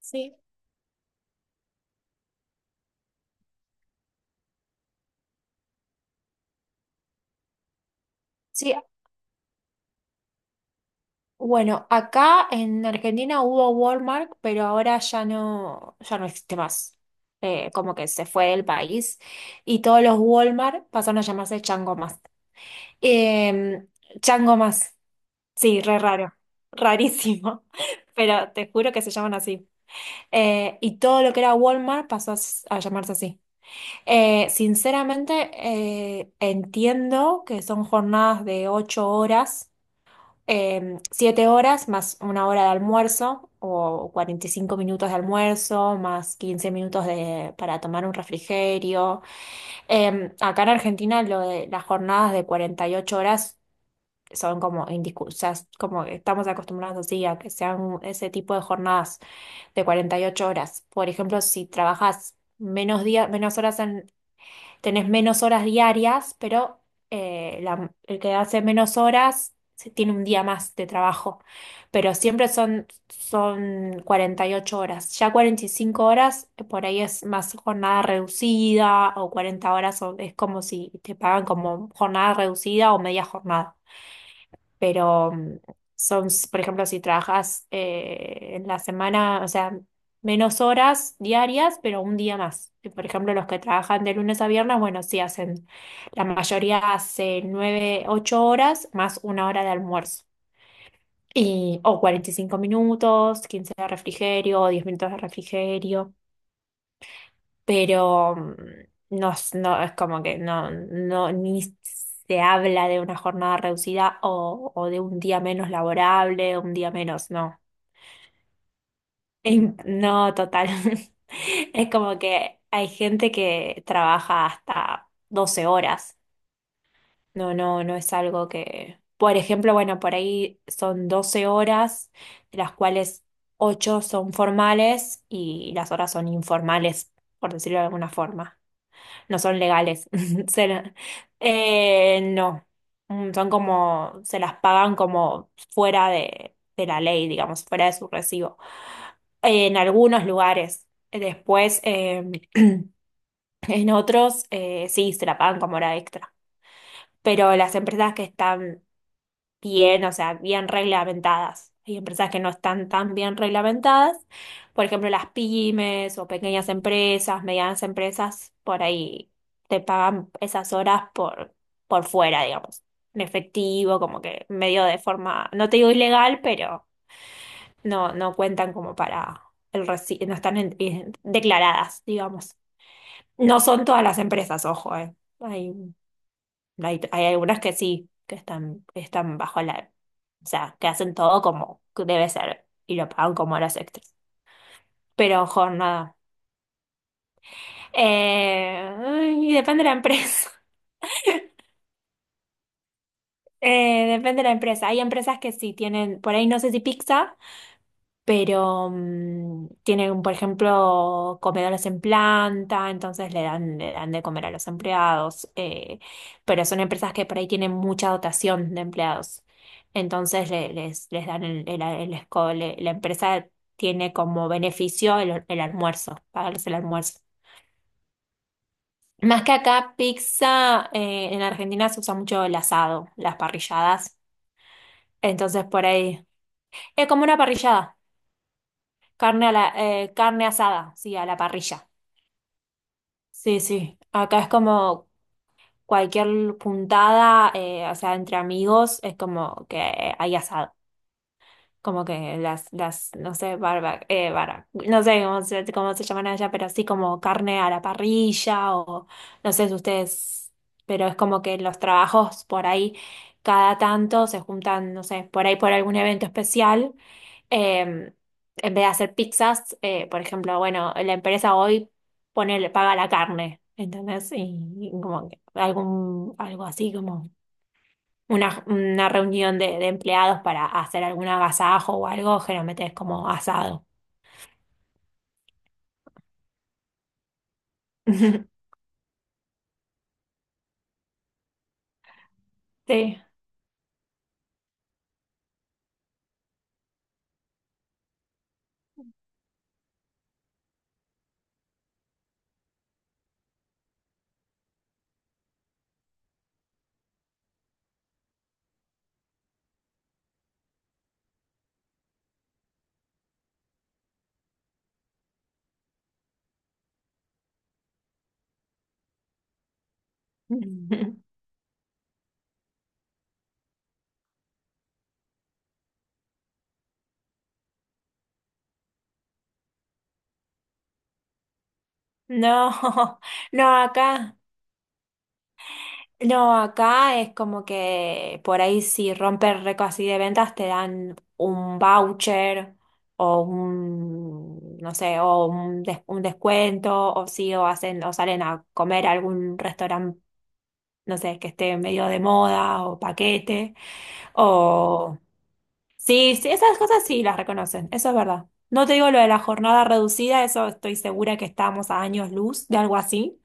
Sí. Sí, bueno, acá en Argentina hubo Walmart, pero ahora ya no, ya no existe más. Como que se fue del país y todos los Walmart pasaron a llamarse Chango Más. Em, Chango Más, sí, re raro, rarísimo, pero te juro que se llaman así. Y todo lo que era Walmart pasó a, a llamarse así. Sinceramente, entiendo que son jornadas de ocho horas siete horas más una hora de almuerzo o 45 minutos de almuerzo más 15 minutos de, para tomar un refrigerio. Acá en Argentina lo de las jornadas de 48 horas son como indiscusas, como que estamos acostumbrados así a que sean ese tipo de jornadas de 48 horas. Por ejemplo, si trabajas menos días, menos horas tenés menos horas diarias, pero el que hace menos horas tiene un día más de trabajo. Pero siempre son 48 horas. Ya 45 horas, por ahí es más jornada reducida o 40 horas, o es como si te pagan como jornada reducida o media jornada pero son, por ejemplo, si trabajas en la semana, o sea, menos horas diarias, pero un día más. Y, por ejemplo, los que trabajan de lunes a viernes, bueno, sí hacen, la mayoría hace nueve, ocho horas más una hora de almuerzo. Y, o 45 minutos, 15 de refrigerio, 10 minutos de refrigerio pero no, no es como que no, no, ni se habla de una jornada reducida o de un día menos laborable, un día menos, no. No, total. Es como que hay gente que trabaja hasta 12 horas. No, no, no es algo que... Por ejemplo, bueno, por ahí son 12 horas, de las cuales 8 son formales y las horas son informales, por decirlo de alguna forma. No son legales. Se la- no. Son como, se las pagan como fuera de la ley, digamos, fuera de su recibo. En algunos lugares. Después, en otros, sí, se la pagan como hora extra. Pero las empresas que están bien, o sea, bien reglamentadas. Hay empresas que no están tan bien reglamentadas. Por ejemplo, las pymes o pequeñas empresas, medianas empresas, por ahí te pagan esas horas por fuera, digamos, en efectivo, como que medio de forma, no te digo ilegal, pero no, no cuentan como para no están declaradas, digamos. No son todas las empresas, ojo, No hay, hay algunas que sí, que están bajo la, o sea, que hacen todo como debe ser y lo pagan como horas extras. Pero jornada. Eh, y depende de la empresa. Depende de la empresa. Hay empresas que sí tienen, por ahí no sé si pizza. Pero tienen, por ejemplo, comedores en planta, entonces le dan de comer a los empleados, pero son empresas que por ahí tienen mucha dotación de empleados, entonces les, les dan el, la empresa tiene como beneficio el almuerzo, pagarles el almuerzo. Más que acá, pizza, en Argentina se usa mucho el asado, las parrilladas, entonces por ahí, es como una parrillada, carne, a la, carne asada, sí, a la parrilla. Sí, sí, acá es como cualquier puntada, o sea, entre amigos, es como que hay asado, como que las, no sé, barba, no sé cómo se llaman allá, pero así como carne a la parrilla o no sé si ustedes, pero es como que los trabajos por ahí cada tanto se juntan, no sé, por ahí por algún evento especial em, en vez de hacer pizzas, por ejemplo, bueno, la empresa hoy pone, le paga la carne, ¿entendés? Y como que algún, algo así como una reunión de empleados para hacer algún agasajo o algo, generalmente es como asado. Sí. No, no, acá. No, acá es como que por ahí si rompes récord así de ventas te dan un voucher o un, no sé, un descuento o sí, o hacen, o salen a comer a algún restaurante, no sé, que esté medio de moda o paquete o... Sí, sí, esas cosas sí las reconocen, eso es verdad. No te digo lo de la jornada reducida, eso estoy segura que estamos a años luz de algo así.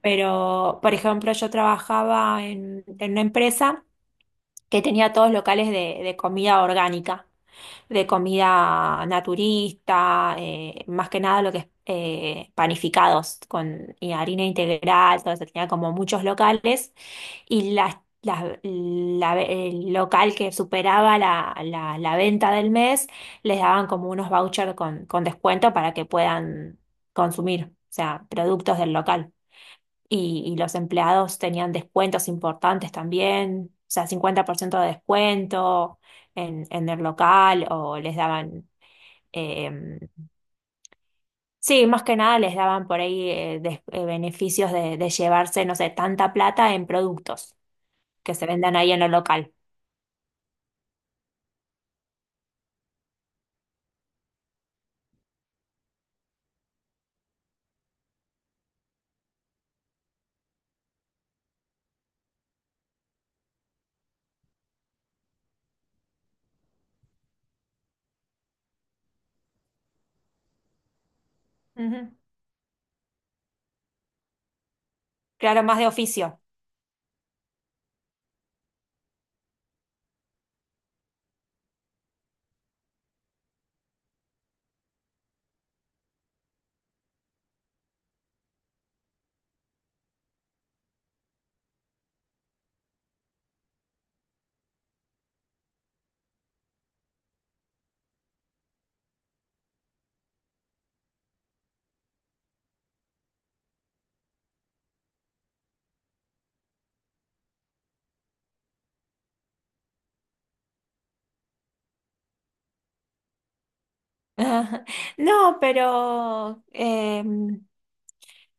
Pero, por ejemplo, yo trabajaba en una empresa que tenía todos locales de comida orgánica, de comida naturista, más que nada lo que es panificados con y harina integral, todo eso, tenía como muchos locales y el local que superaba la, la venta del mes les daban como unos vouchers con descuento para que puedan consumir, o sea, productos del local y los empleados tenían descuentos importantes también, o sea, 50% de descuento en el local o les daban, em, sí, más que nada les daban por ahí beneficios de llevarse, no sé, tanta plata en productos que se vendan ahí en el local. Ujú. Claro, más de oficio. No, pero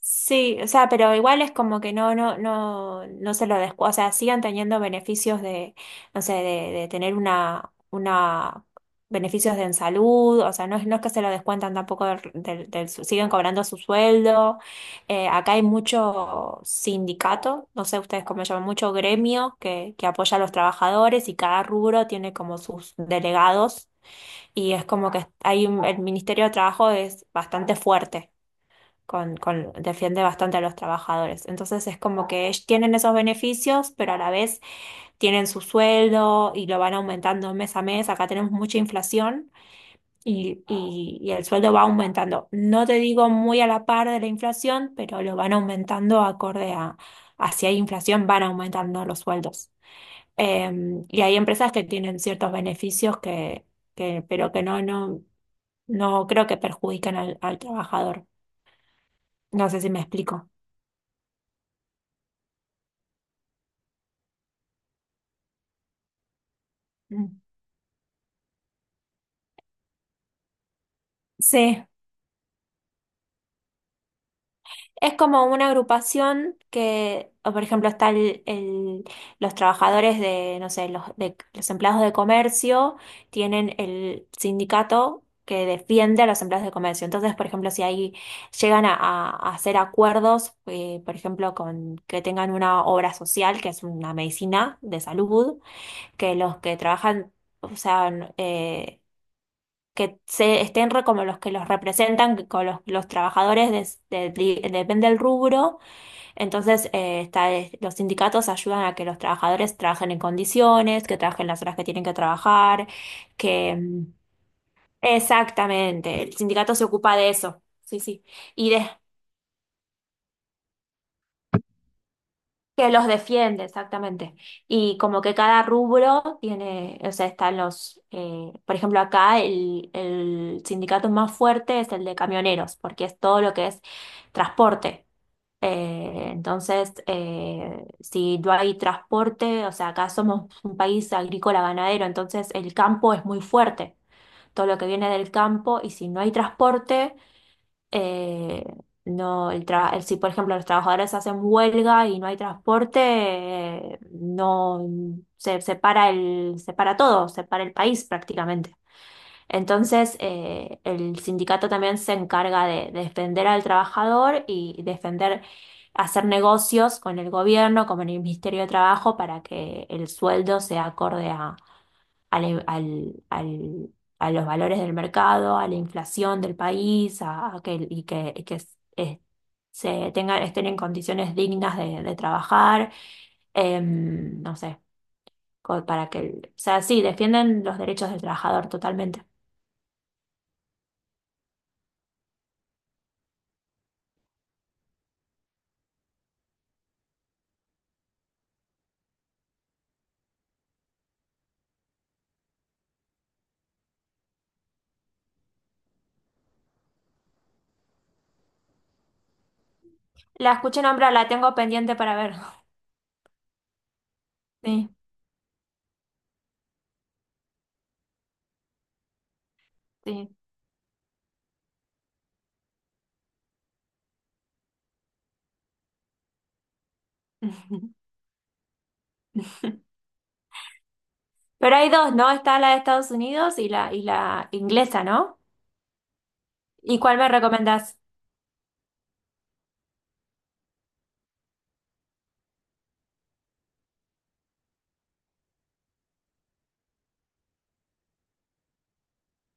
sí, o sea, pero igual es como que no, no, no, no se lo descu... O sea, sigan teniendo beneficios de, no sé, de tener una, beneficios de en salud, o sea, no es, no es que se lo descuentan tampoco del, siguen cobrando su sueldo. Acá hay mucho sindicato, no sé ustedes cómo llaman, mucho gremio que apoya a los trabajadores y cada rubro tiene como sus delegados y es como que el Ministerio de Trabajo es bastante fuerte con, defiende bastante a los trabajadores. Entonces es como que ellos tienen esos beneficios, pero a la vez tienen su sueldo y lo van aumentando mes a mes. Acá tenemos mucha inflación y, y el sueldo va aumentando. No te digo muy a la par de la inflación, pero lo van aumentando acorde a si hay inflación, van aumentando los sueldos. Eh, y hay empresas que tienen ciertos beneficios que, pero que no, no, no creo que perjudiquen al, al trabajador. No sé si me explico. Mm. Sí, es como una agrupación que, o por ejemplo, está el, los trabajadores de, no sé, los, de, los empleados de comercio tienen el sindicato que defiende a los empleados de comercio. Entonces, por ejemplo, si ahí llegan a, a hacer acuerdos, por ejemplo, con que tengan una obra social, que es una medicina de salud, que los que trabajan, o sea, que como los que los representan, que con los trabajadores depende del rubro, entonces está, los sindicatos ayudan a que los trabajadores trabajen en condiciones, que trabajen las horas que tienen que trabajar, que exactamente, el sindicato se ocupa de eso. Sí, sí. Y de- que los defiende, exactamente. Y como que cada rubro tiene, o sea, están los, por ejemplo, acá el sindicato más fuerte es el de camioneros, porque es todo lo que es transporte. Entonces, si no hay transporte, o sea, acá somos un país agrícola ganadero, entonces el campo es muy fuerte, todo lo que viene del campo, y si no hay transporte eh, no, si por ejemplo los trabajadores hacen huelga y no hay transporte, no se, se para el, se para todo, se para el país prácticamente. Entonces, el sindicato también se encarga de defender al trabajador y defender, hacer negocios con el gobierno, con el Ministerio de Trabajo, para que el sueldo sea acorde al- e, al- al- a los valores del mercado, a la inflación del país, a que, y que, se tengan, estén en condiciones dignas de trabajar, no sé, para que, o sea, sí, defienden los derechos del trabajador totalmente. La escuché nombrar, la tengo pendiente para ver. Sí, sí. Pero hay dos, ¿no? Está la de Estados Unidos y la inglesa, ¿no? ¿Y cuál me recomendás?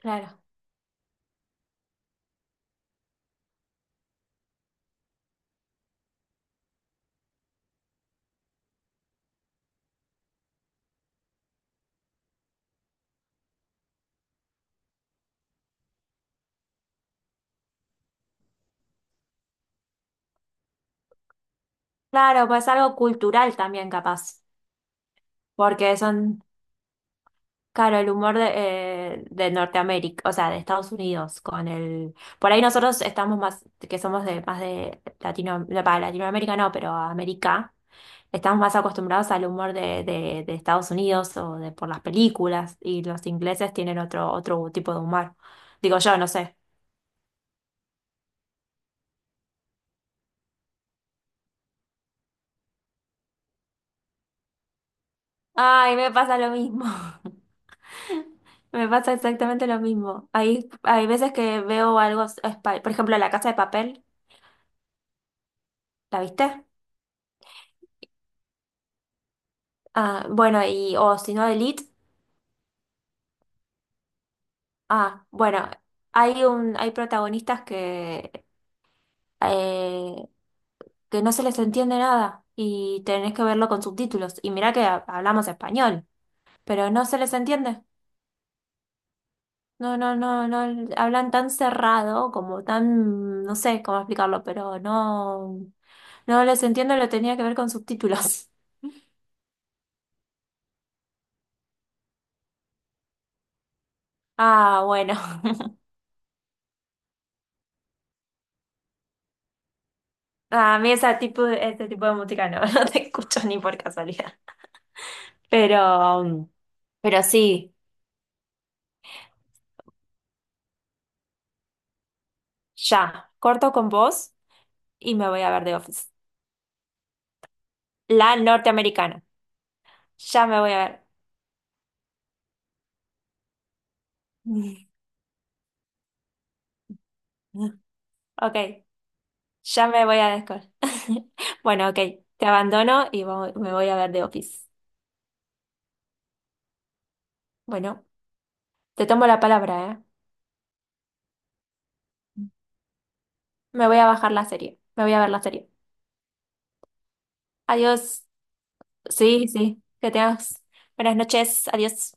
Claro. Claro, pues algo cultural también capaz. Porque son, claro, el humor de Norteamérica, o sea, de Estados Unidos, con el... Por ahí nosotros estamos más, que somos de más de Latino, no, para Latinoamérica no, pero América, estamos más acostumbrados al humor de Estados Unidos o de por las películas, y los ingleses tienen otro, otro tipo de humor. Digo yo, no sé. Ay, me pasa lo mismo. Me pasa exactamente lo mismo. Hay veces que veo algo, por ejemplo, La Casa de Papel, ¿la viste? Ah, bueno, y o si no Elite, ah, bueno, hay un, hay protagonistas eh, que no se les entiende nada y tenés que verlo con subtítulos. Y mirá que hablamos español, pero no se les entiende. No, no, no, no, hablan tan cerrado, como tan, no sé cómo explicarlo, pero no, no les entiendo, lo tenía que ver con subtítulos. Ah, bueno. A mí ese tipo, ese tipo de música no, no te escucho ni por casualidad. Pero, pero sí. Ya, corto con vos y me voy a ver The Office. La norteamericana. Ya me voy a ver. Ok, ya me voy a descol. Bueno, ok, te abandono y me voy a ver The Office. Bueno, te tomo la palabra, ¿eh? Me voy a bajar la serie. Me voy a ver la serie. Adiós. Sí, sí, que tengas buenas noches. Adiós.